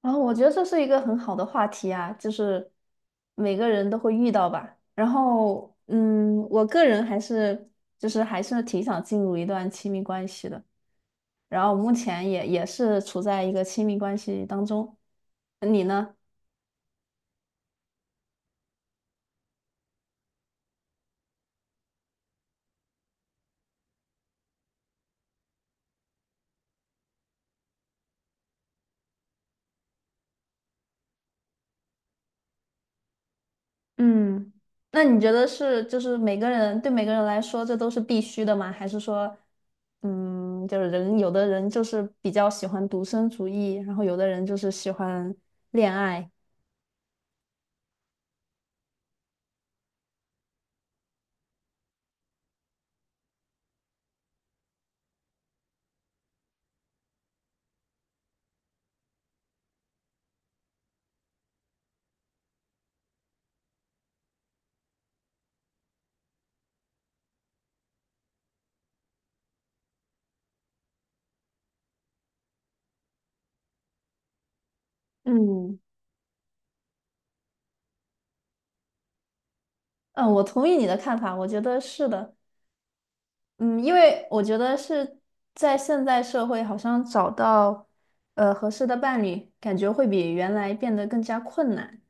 然后我觉得这是一个很好的话题啊，就是每个人都会遇到吧。然后，我个人还是还是挺想进入一段亲密关系的。然后目前也是处在一个亲密关系当中。你呢？嗯，那你觉得每个人来说这都是必须的吗？还是说，嗯，就是有的人就是比较喜欢独身主义，然后有的人就是喜欢恋爱。嗯。嗯，我同意你的看法，我觉得是的。嗯，因为我觉得是在现在社会，好像找到合适的伴侣，感觉会比原来变得更加困难。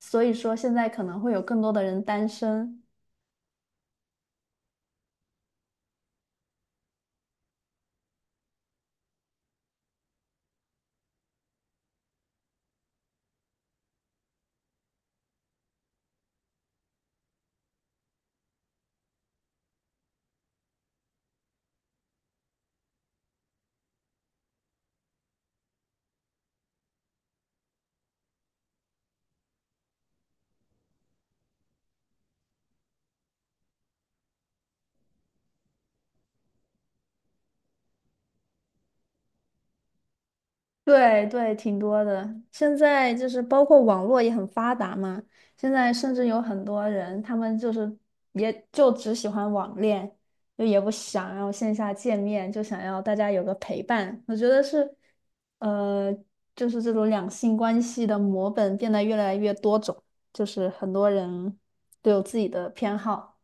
所以说，现在可能会有更多的人单身。对对，挺多的。现在就是包括网络也很发达嘛，现在甚至有很多人，他们就是也就只喜欢网恋，就也不想要线下见面，就想要大家有个陪伴。我觉得是，呃，就是这种两性关系的模本变得越来越多种，就是很多人都有自己的偏好。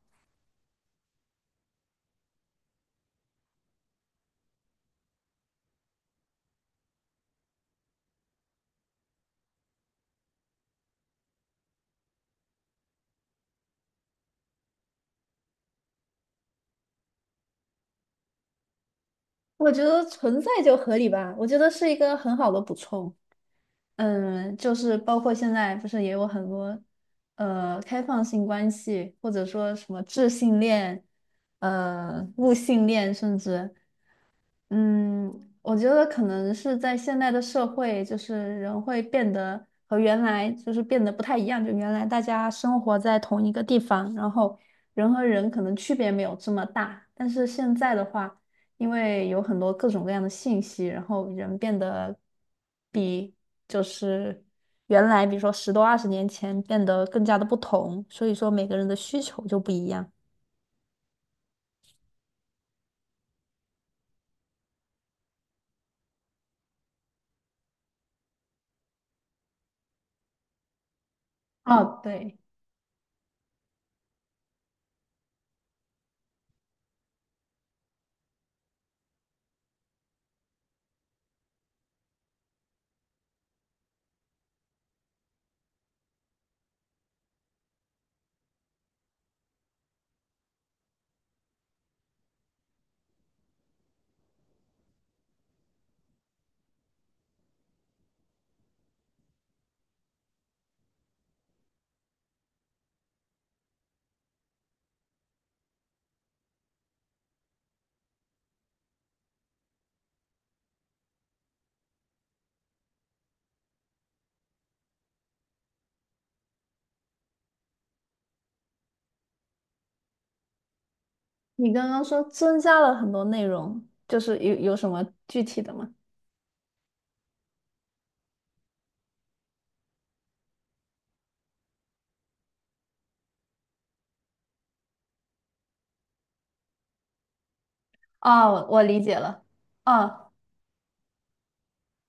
我觉得存在就合理吧，我觉得是一个很好的补充。嗯，就是包括现在不是也有很多开放性关系，或者说什么智性恋、物性恋，甚至。嗯，我觉得可能是在现代的社会，就是人会变得和原来就是变得不太一样。就原来大家生活在同一个地方，然后人和人可能区别没有这么大。但是现在的话，因为有很多各种各样的信息，然后人变得比就是原来，比如说十多二十年前变得更加的不同，所以说每个人的需求就不一样。哦，对。你刚刚说增加了很多内容，就是有什么具体的吗？哦，我理解了。哦，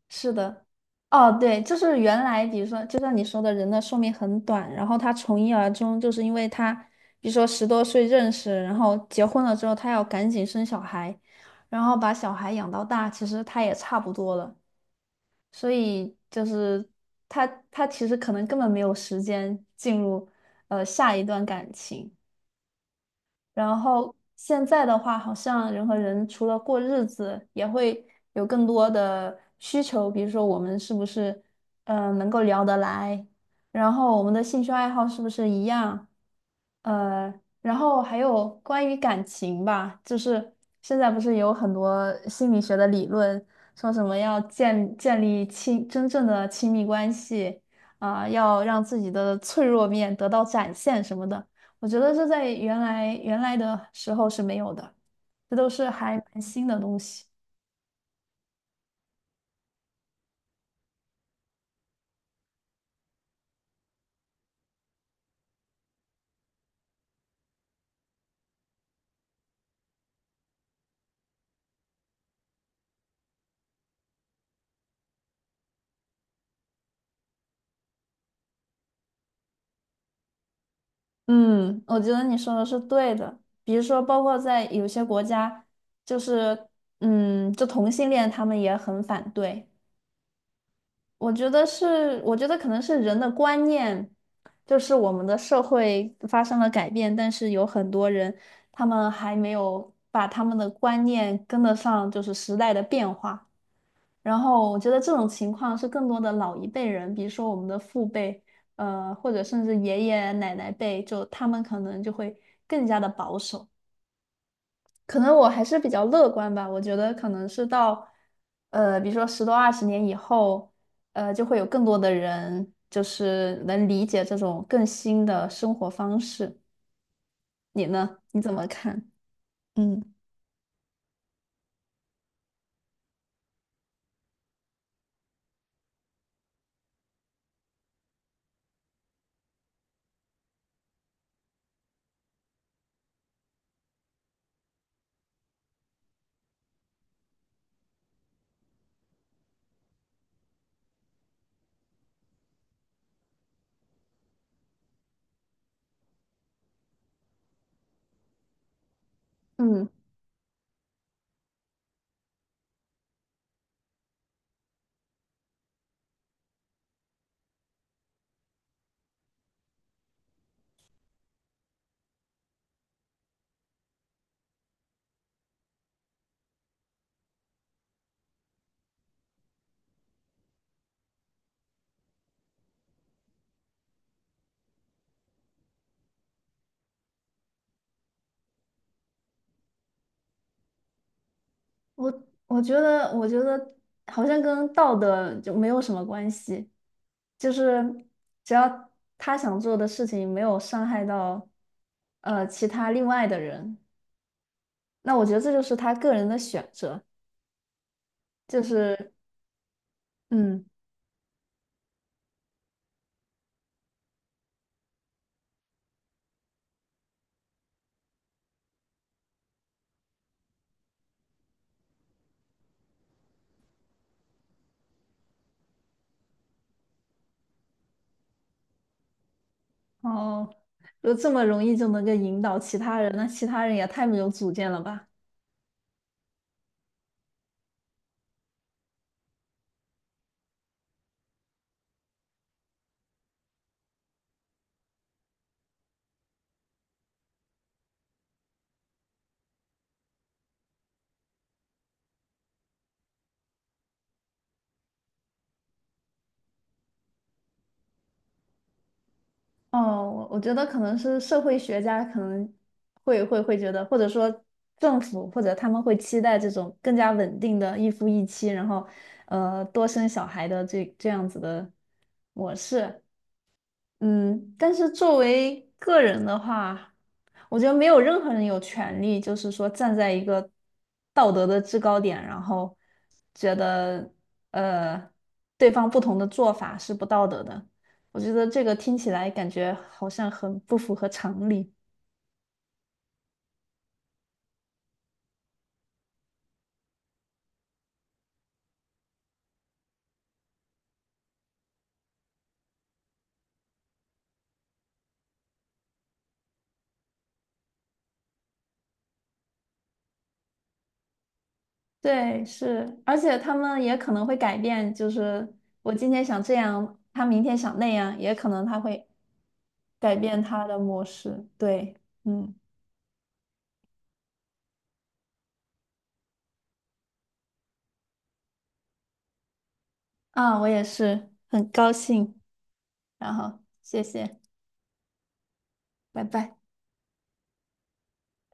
是的。哦，对，就是原来比如说，就像你说的，人的寿命很短，然后他从一而终，就是因为他，比如说十多岁认识，然后结婚了之后，他要赶紧生小孩，然后把小孩养到大，其实他也差不多了。所以就是他他其实可能根本没有时间进入下一段感情。然后现在的话，好像人和人除了过日子，也会有更多的需求，比如说我们是不是能够聊得来，然后我们的兴趣爱好是不是一样，呃，然后还有关于感情吧，就是现在不是有很多心理学的理论，说什么要建立真正的亲密关系，啊、要让自己的脆弱面得到展现什么的。我觉得这在原来的时候是没有的，这都是还蛮新的东西。嗯，我觉得你说的是对的。比如说，包括在有些国家，就是嗯，就同性恋他们也很反对。我觉得是，我觉得可能是人的观念，就是我们的社会发生了改变，但是有很多人他们还没有把他们的观念跟得上，就是时代的变化。然后我觉得这种情况是更多的老一辈人，比如说我们的父辈，或者甚至爷爷奶奶辈，就他们可能就会更加的保守。可能我还是比较乐观吧，我觉得可能是到，比如说十多二十年以后，就会有更多的人就是能理解这种更新的生活方式。你呢？你怎么看？嗯。嗯。我觉得，我觉得好像跟道德就没有什么关系，就是只要他想做的事情没有伤害到其他另外的人，那我觉得这就是他个人的选择，就是嗯，哦，就这么容易就能够引导其他人，那其他人也太没有主见了吧。哦，我觉得可能是社会学家可能会觉得，或者说政府或者他们会期待这种更加稳定的一夫一妻，然后多生小孩的这样子的模式。嗯，但是作为个人的话，我觉得没有任何人有权利，就是说站在一个道德的制高点，然后觉得呃对方不同的做法是不道德的。我觉得这个听起来感觉好像很不符合常理。对，是，而且他们也可能会改变，就是我今天想这样，他明天想那样，也可能他会改变他的模式。对，嗯。啊，我也是，很高兴，然后谢谢，拜拜。